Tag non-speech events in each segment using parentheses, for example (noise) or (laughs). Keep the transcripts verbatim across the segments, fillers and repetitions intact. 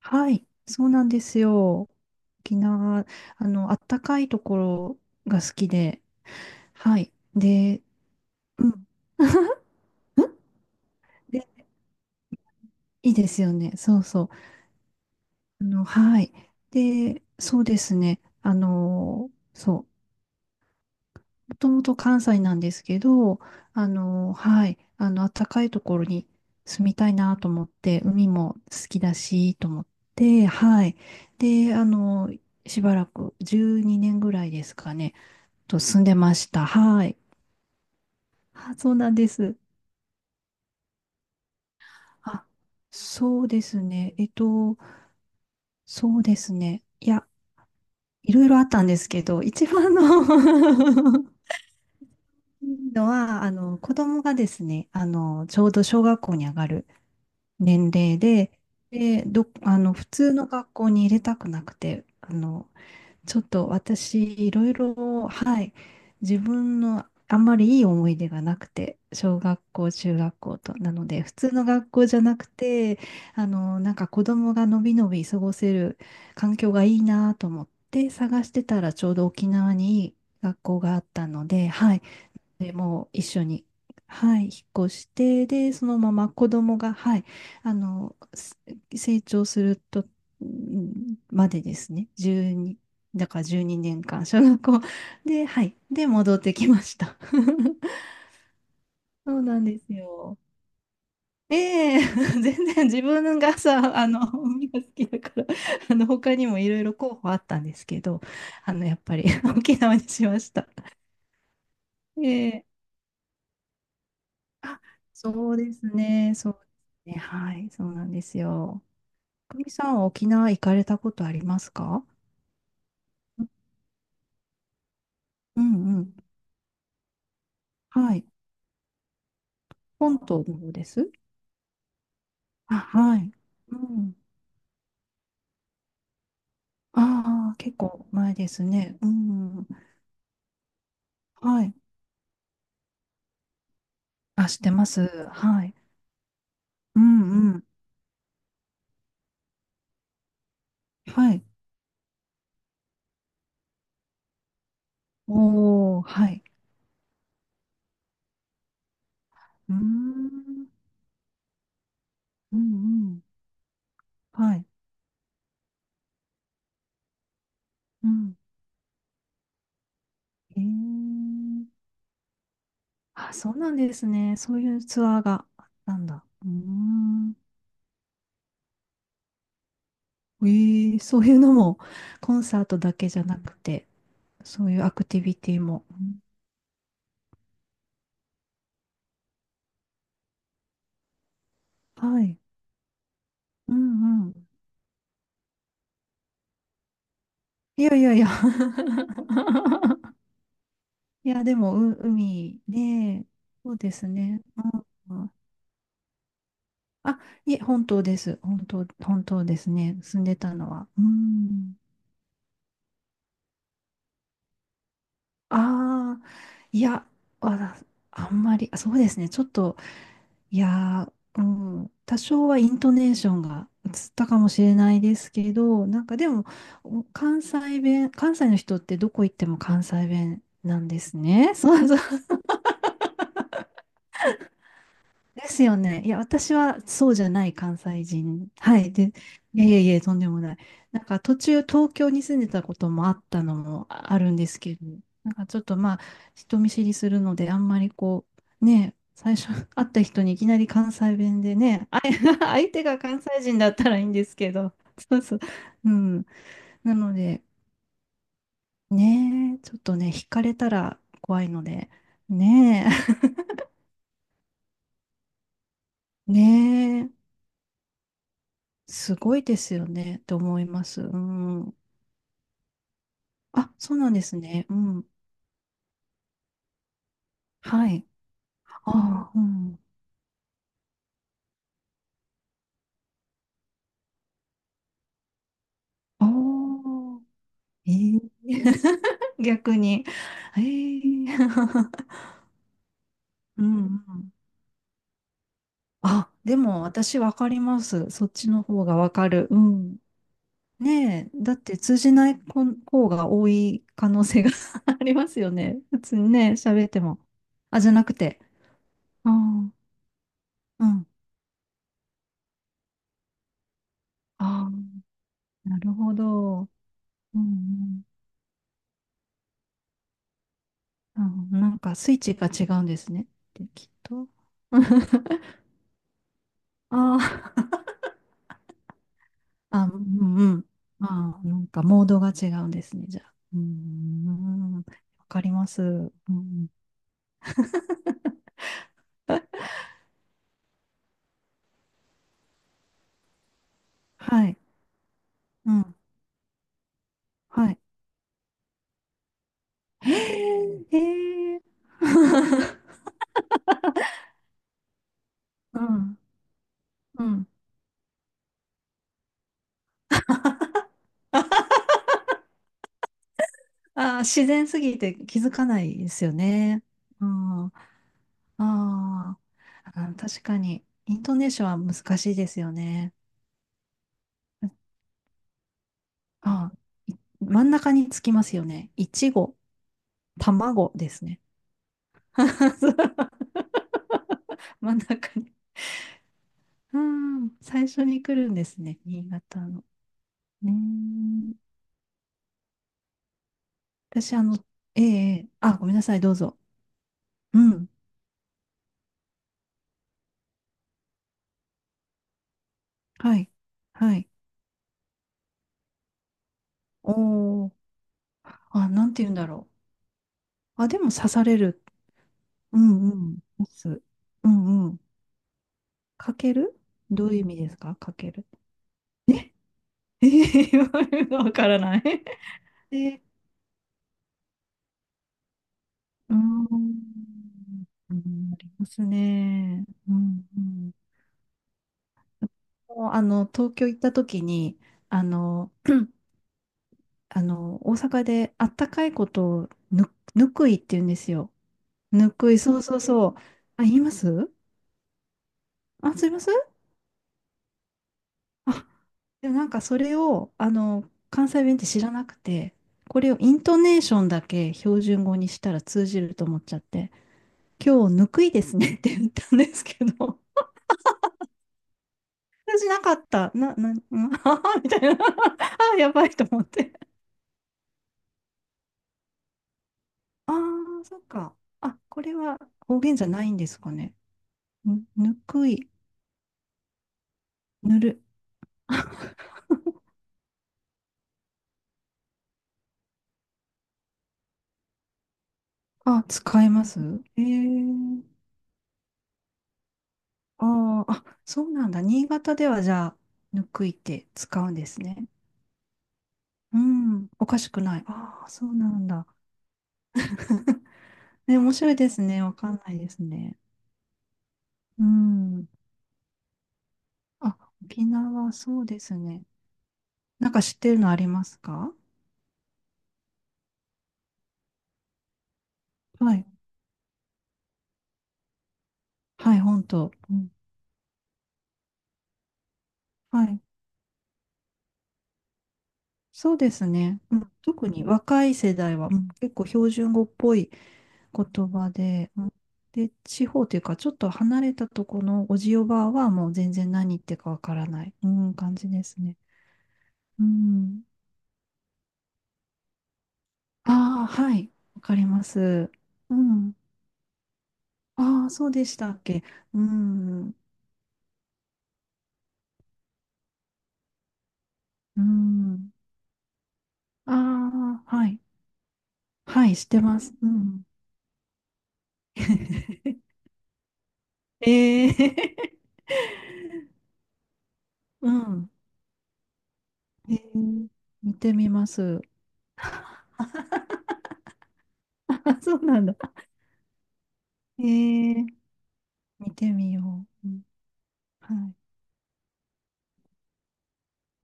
はい、そうなんですよ。沖縄、あの、あったかいところが好きで、はい。で、うん。(laughs) で、いいですよね。そうそう。あの、はい。で、そうですね。あの、そう。もともと関西なんですけど、あの、はい。あの、暖かいところに住みたいなと思って、海も好きだし、と思って、はい。で、あの、しばらくじゅうにねんぐらいですかね。と住んでました。はい。あ、そうなんです。あ、そうですね。えっと、そうですね。いや、いろいろあったんですけど、一番の (laughs) いいのは、あの、子供がですね、あの、ちょうど小学校に上がる年齢で、で、ど、あの、普通の学校に入れたくなくて、あの、ちょっと私、いろいろ、はい、自分のあんまりいい思い出がなくて、小学校、中学校と、なので、普通の学校じゃなくて、あの、なんか子供がのびのび過ごせる環境がいいなと思って探してたら、ちょうど沖縄にいい学校があったので、はい、でもう一緒に、はい、引っ越して、で、そのまま子供が、はい、あの、す成長すると、んまでですね、じゅうに、だからじゅうにねんかん、小学校で、はい、で、戻ってきました。(laughs) そうなんですよ。ええ (laughs) 全然自分がさ、あの、海が好きだから、あの、他にもいろいろ候補あったんですけど、あの、やっぱり (laughs) 沖縄にしました。ええあ、そうですね。そうですね。はい。そうなんですよ。久美さんは沖縄行かれたことありますか？うんうん。はい。本島の方です。あ、はい。うん。ああ、結構前ですね。うん。はい。あ、知ってます。はい。うんうん。はい。おー、はい。うーん。うんうん。はい。うん。へえー。あ、そうなんですね。そういうツアーがあったんだ。うーん。ええそういうのも、コンサートだけじゃなくて、そういうアクティビティも。うんはい。うんうん。いやいやいや。(laughs) いや、でも、う、海ね、そうですね。うんうんあ、いえ、本当です。本当、本当ですね。住んでたのは。うん。ああ、いや、わ、あんまり、あそうですね。ちょっと、いやー、うん、多少はイントネーションが映ったかもしれないですけど、なんかでも、お関西弁、関西の人ってどこ行っても関西弁なんですね。そうそう。ですよね。いや、私はそうじゃない関西人。はい。で、いやいやいや、とんでもない。なんか途中東京に住んでたこともあったのもあるんですけど、なんかちょっとまあ、人見知りするので、あんまりこう、ね、最初 (laughs) 会った人にいきなり関西弁でね、あい (laughs) 相手が関西人だったらいいんですけど、そうそう。うん。なので、ね、ちょっとね、惹かれたら怖いので、ねえ、(laughs) ねえ。すごいですよねって思います。うん。あ、そうなんですね。うん。はい。ああ、うん。ああ、ええ (laughs) 逆に。ええ (laughs) うんうん。あ、でも私わかります。そっちの方がわかる。うん。ねえ、だって通じない子方が多い可能性が (laughs) ありますよね。普通にね、喋っても。あ、じゃなくて。ああ、うん。ああ、なるほど。うんうんあ、なんかスイッチが違うんですね。で、きっと。(laughs) あーあ、うんうん。ああなんかモードが違うんですね、じゃあ。うーん、わかります。うんうん、はい。うん。はい。へえ。へー (laughs) うん。うん。あー、自然すぎて気づかないですよね。うん。ああ、あー確かに、イントネーションは難しいですよね。あ、い真ん中につきますよね。いちご、卵ですね。(laughs) 真ん中に。うん、最初に来るんですね。新潟の。ねー、私、あの、ええええあ、ごめんなさい、どうぞ。うん。はい。はい。おー。あ、なんて言うんだろう。あ、でも刺される。うんうん。刺す。うんうん。かけるどういう意味ですかかける。ええー、(laughs) わからない。(laughs) えーうーん、うんありますね。うん、うん。もう、あの、東京行った時に、あの、あの、大阪であったかいことをぬ、ぬくいって言うんですよ。ぬくい、そうそうそう。あ、言いますあ、すいませんあ、でもなんかそれを、あの、関西弁って知らなくて、これをイントネーションだけ標準語にしたら通じると思っちゃって、今日ぬくいですねって言ったんですけど、私じなかった。な、な、(laughs) うん、(laughs) ああ、みたいな。(laughs) あーやばいと思って。ああ、そっか。あ、これは方言じゃないんですかね。ぬ、ぬくい、ぬる。あ、使えますえー、ああ、あ、そうなんだ。新潟ではじゃあ、ぬくいって使うんですね。うん、おかしくない。ああ、そうなんだ。(laughs) ね、面白いですね。わかんないですね。うん。あ、沖縄、そうですね。なんか知ってるのありますかはい。はい、本当。うん。はい。そうですね。うん、特に若い世代は、うん結構標準語っぽい言葉で、うんで、地方というか、ちょっと離れたところのおじおばあはもう全然何言ってるかわからない、うん、感じですね。うん。ああ、はい。わかります。うん。ああ、そうでしたっけ。うん。うん。ああ、はい。はい、してます。うん。ええ (laughs) うん。ええ見てみます。(laughs) あ、そうなんだ。(laughs) えー、見てみよう。うんは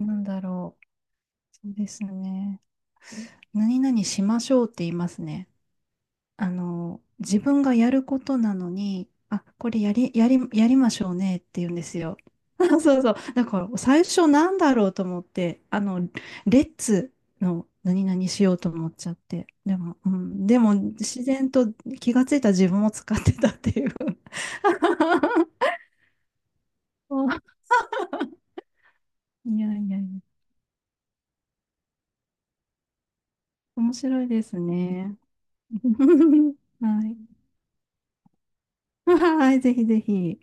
い。なんだろう。そうですね。何々しましょうって言いますね。あの、自分がやることなのに、あ、これやり、やり、やりましょうねって言うんですよ。(laughs) そうそう。だから最初なんだろうと思って、あの、レッツの何々しようと思っちゃって。でも、うん、でも自然と気がついた自分を使ってたっていう。(laughs) いやいやいや。面白いですね。(laughs) はい。(laughs) はい、ぜひぜひ。